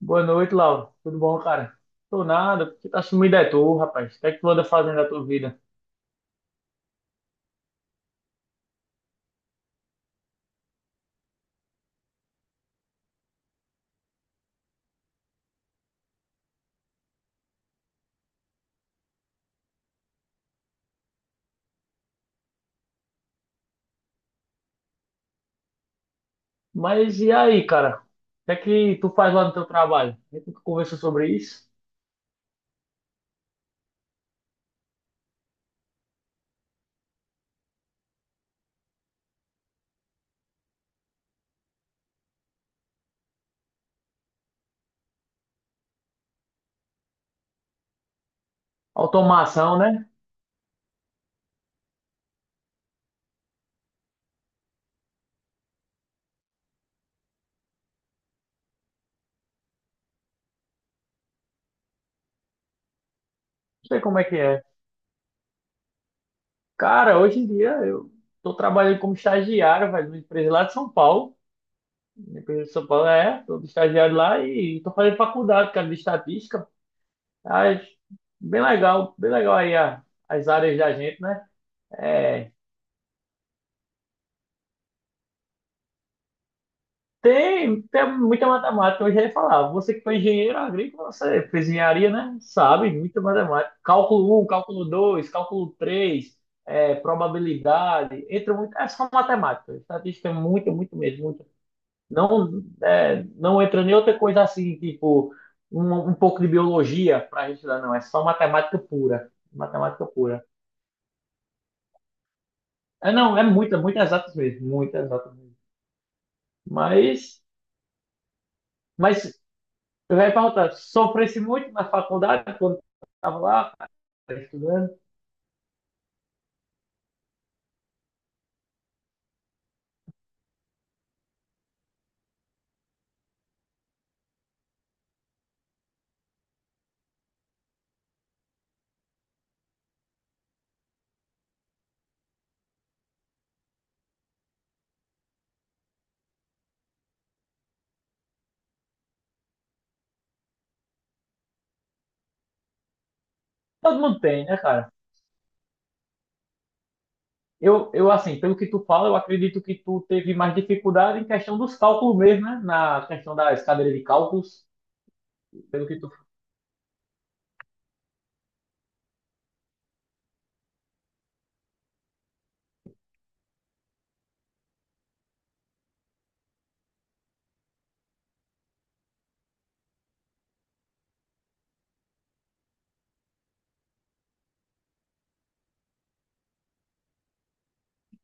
Boa noite, Lauro. Tudo bom, cara? Tô nada, porque tá sumido é tu, rapaz. O que é que tu anda fazendo da tua vida? Mas e aí, cara? O que é que tu faz lá no teu trabalho? A gente conversou sobre isso. Automação, né? Não sei como é que é. Cara, hoje em dia eu tô trabalhando como estagiário, velho, numa empresa lá de São Paulo. Uma empresa de São Paulo, é. Tô de estagiário lá e tô fazendo faculdade, cara, de estatística. Ah, bem legal aí as áreas da gente, né? É, Tem, tem muita matemática, eu já ia falar. Você que foi engenheiro agrícola, você fez engenharia, né? Sabe, muita matemática. Cálculo um, cálculo dois, cálculo três, é, probabilidade. Entra muito. É só matemática. Estatística é muito, muito mesmo. Muito. Não, é, não entra nem outra coisa assim, tipo, um, um pouco de biologia para a gente estudar, não. É só matemática pura. Matemática pura. É, não, é muita, muito exatas mesmo. Muita exatas mesmo. Mas. Mas eu ia perguntar, sofresse muito na faculdade quando estava lá, cara, estudando? Todo mundo tem, né, cara? Eu, assim, pelo que tu fala, eu acredito que tu teve mais dificuldade em questão dos cálculos mesmo, né? Na questão das cadeiras de cálculos, pelo que tu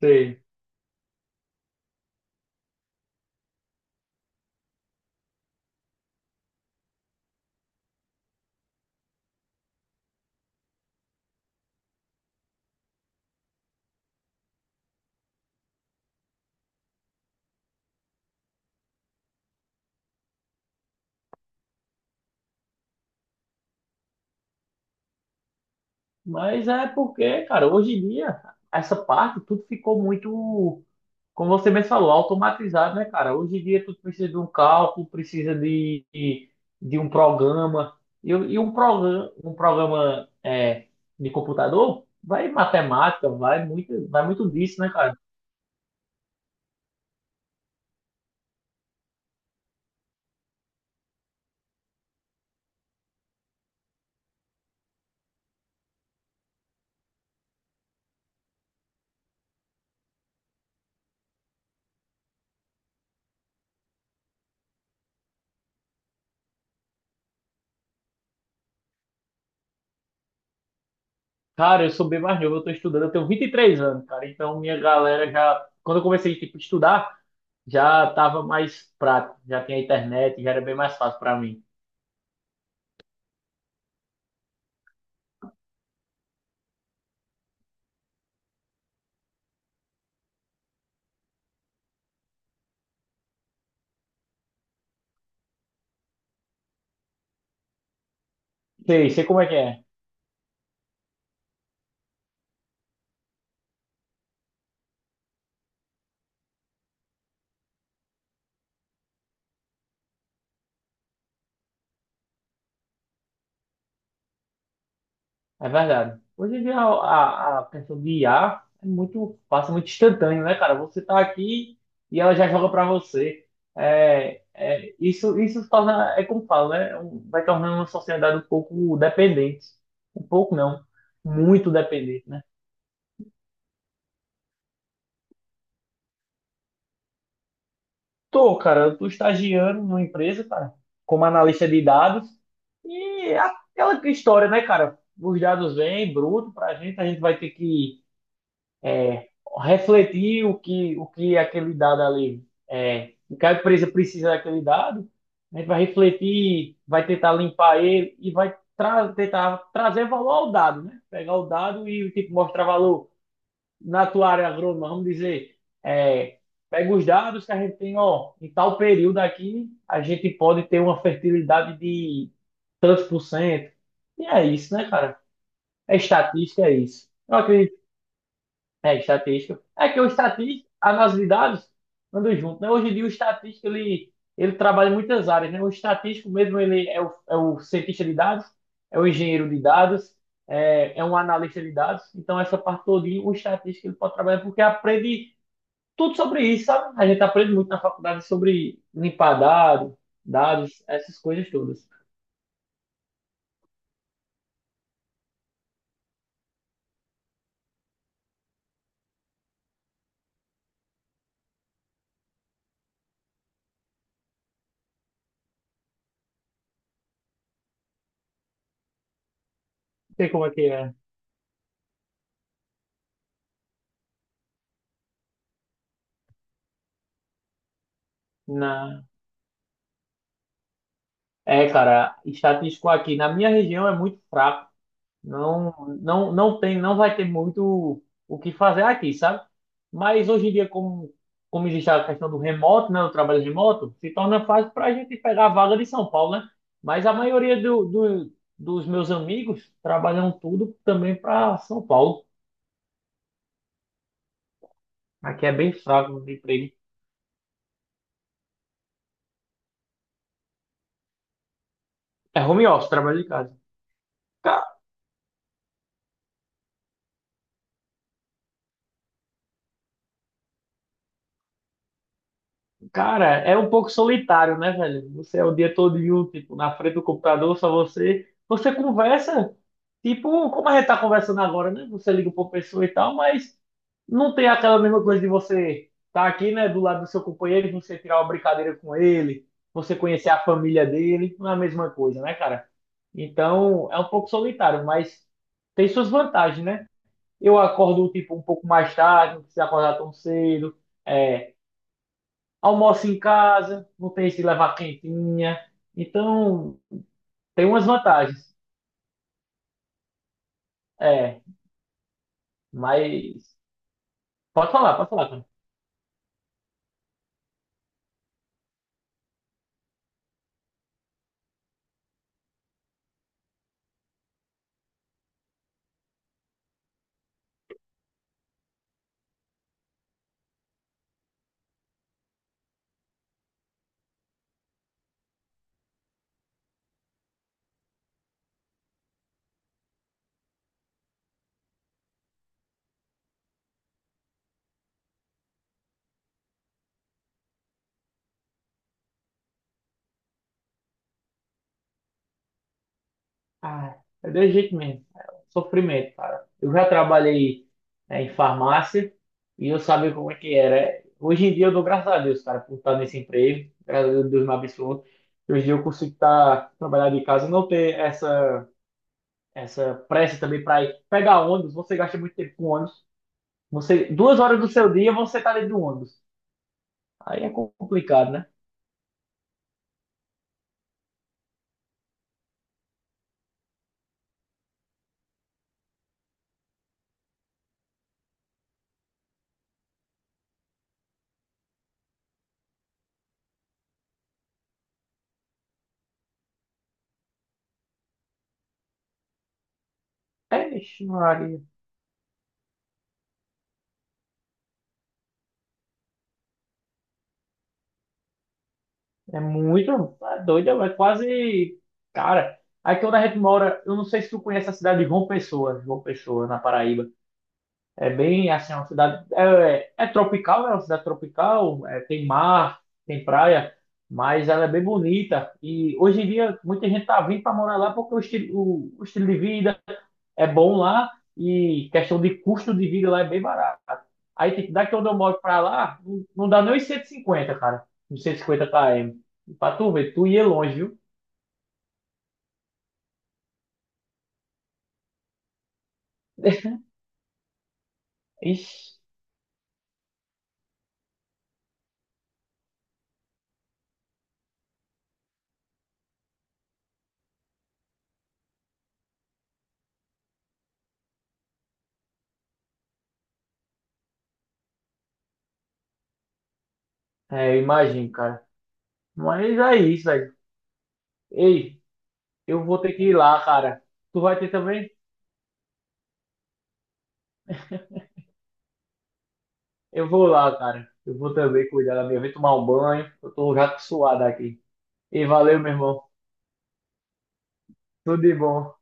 teve. Mas é porque, cara, hoje em dia, essa parte tudo ficou muito... Como você mesmo falou, automatizado, né, cara? Hoje em dia tu precisa de um cálculo, precisa de um programa. E, e um programa é, de computador, vai matemática, vai muito disso, né, cara? Cara, eu sou bem mais novo, eu tô estudando, eu tenho 23 anos, cara. Então minha galera já, quando eu comecei, tipo, a estudar, já tava mais prático, já tinha internet, já era bem mais fácil pra mim. Sei, sei como é que é. É verdade. Hoje em dia a questão de IA é muito, passa muito instantâneo, né, cara? Você tá aqui e ela já joga pra você. É, é, isso torna, é como falo, né? Vai tornando uma sociedade um pouco dependente. Um pouco não, muito dependente, né? Tô, cara, eu tô estagiando numa empresa, cara, como analista de dados. E é aquela história, né, cara? Os dados vêm bruto pra gente, a gente vai ter que, é, refletir o que aquele dado ali é. O que a empresa precisa daquele dado, a gente vai refletir, vai tentar limpar ele e vai tra tentar trazer valor ao dado, né? Pegar o dado e tipo, mostrar valor na tua área agrônoma, vamos dizer, é, pega os dados que a gente tem, ó, em tal período aqui, a gente pode ter uma fertilidade de tantos por cento. E é isso, né, cara? É estatística, é isso. Eu acredito, é, estatística. É que o estatístico, análise de dados, andam junto, né? Hoje em dia o estatístico, ele trabalha em muitas áreas, né? O estatístico mesmo, ele é o cientista de dados, é o engenheiro de dados, é, é um analista de dados. Então, essa parte todinha, o estatístico, ele pode trabalhar porque aprende tudo sobre isso, sabe? A gente aprende muito na faculdade sobre limpar dados, essas coisas todas. Não sei como é que é. Na... É, cara, estatístico aqui na minha região é muito fraco. Não, não, tem, não vai ter muito o que fazer aqui, sabe? Mas hoje em dia, como, como existe a questão do remoto, né, do trabalho remoto, se torna fácil para a gente pegar a vaga de São Paulo, né? Mas a maioria dos meus amigos trabalham tudo também para São Paulo. Aqui é bem fraco de emprego. É home office, trabalho de casa. Cara, é um pouco solitário, né, velho? Você é o dia todo, tipo, na frente do computador, só você. Você conversa, tipo, como a gente tá conversando agora, né? Você liga pra pessoa e tal, mas não tem aquela mesma coisa de você estar aqui, né, do lado do seu companheiro, e você tirar uma brincadeira com ele, você conhecer a família dele, não é a mesma coisa, né, cara? Então, é um pouco solitário, mas tem suas vantagens, né? Eu acordo, tipo, um pouco mais tarde, não precisa acordar tão cedo. É, almoça em casa, não tem se levar quentinha. Então, tem umas vantagens. É, mas pode falar, cara. Ah, é desse jeito mesmo. É um sofrimento, cara. Eu já trabalhei, é, em farmácia e eu sabia como é que era. Hoje em dia eu dou graças a Deus, cara, por estar nesse emprego. Graças a Deus me abençoou. Hoje em dia eu consigo estar trabalhando de casa, não ter essa pressa também para ir pegar ônibus. Você gasta muito tempo com ônibus. Você, 2 horas do seu dia você está dentro do ônibus. Aí é complicado, né? É, ixi, Maria, é muito, é doido, é quase, cara. Aí que onde a gente mora, eu não sei se tu conhece a cidade de João Pessoa, João Pessoa, na Paraíba. É bem assim, é uma cidade. É, é tropical, né? É uma cidade tropical, é, tem mar, tem praia, mas ela é bem bonita. E hoje em dia, muita gente tá vindo para morar lá porque o estilo, o estilo de vida é bom lá, e questão de custo de vida lá é bem barato. Aí, tipo, daqui onde eu moro para lá, não, não dá nem os 150, cara. Uns 150 km. Pra tu ver, tu ia longe, viu? Ixi, é, eu imagino, cara. Mas é isso, velho. Ei. Eu vou ter que ir lá, cara. Tu vai ter também? Eu vou lá, cara. Eu vou também cuidar da minha vida, tomar um banho. Eu tô já suado aqui. E valeu, meu irmão. Tudo de bom.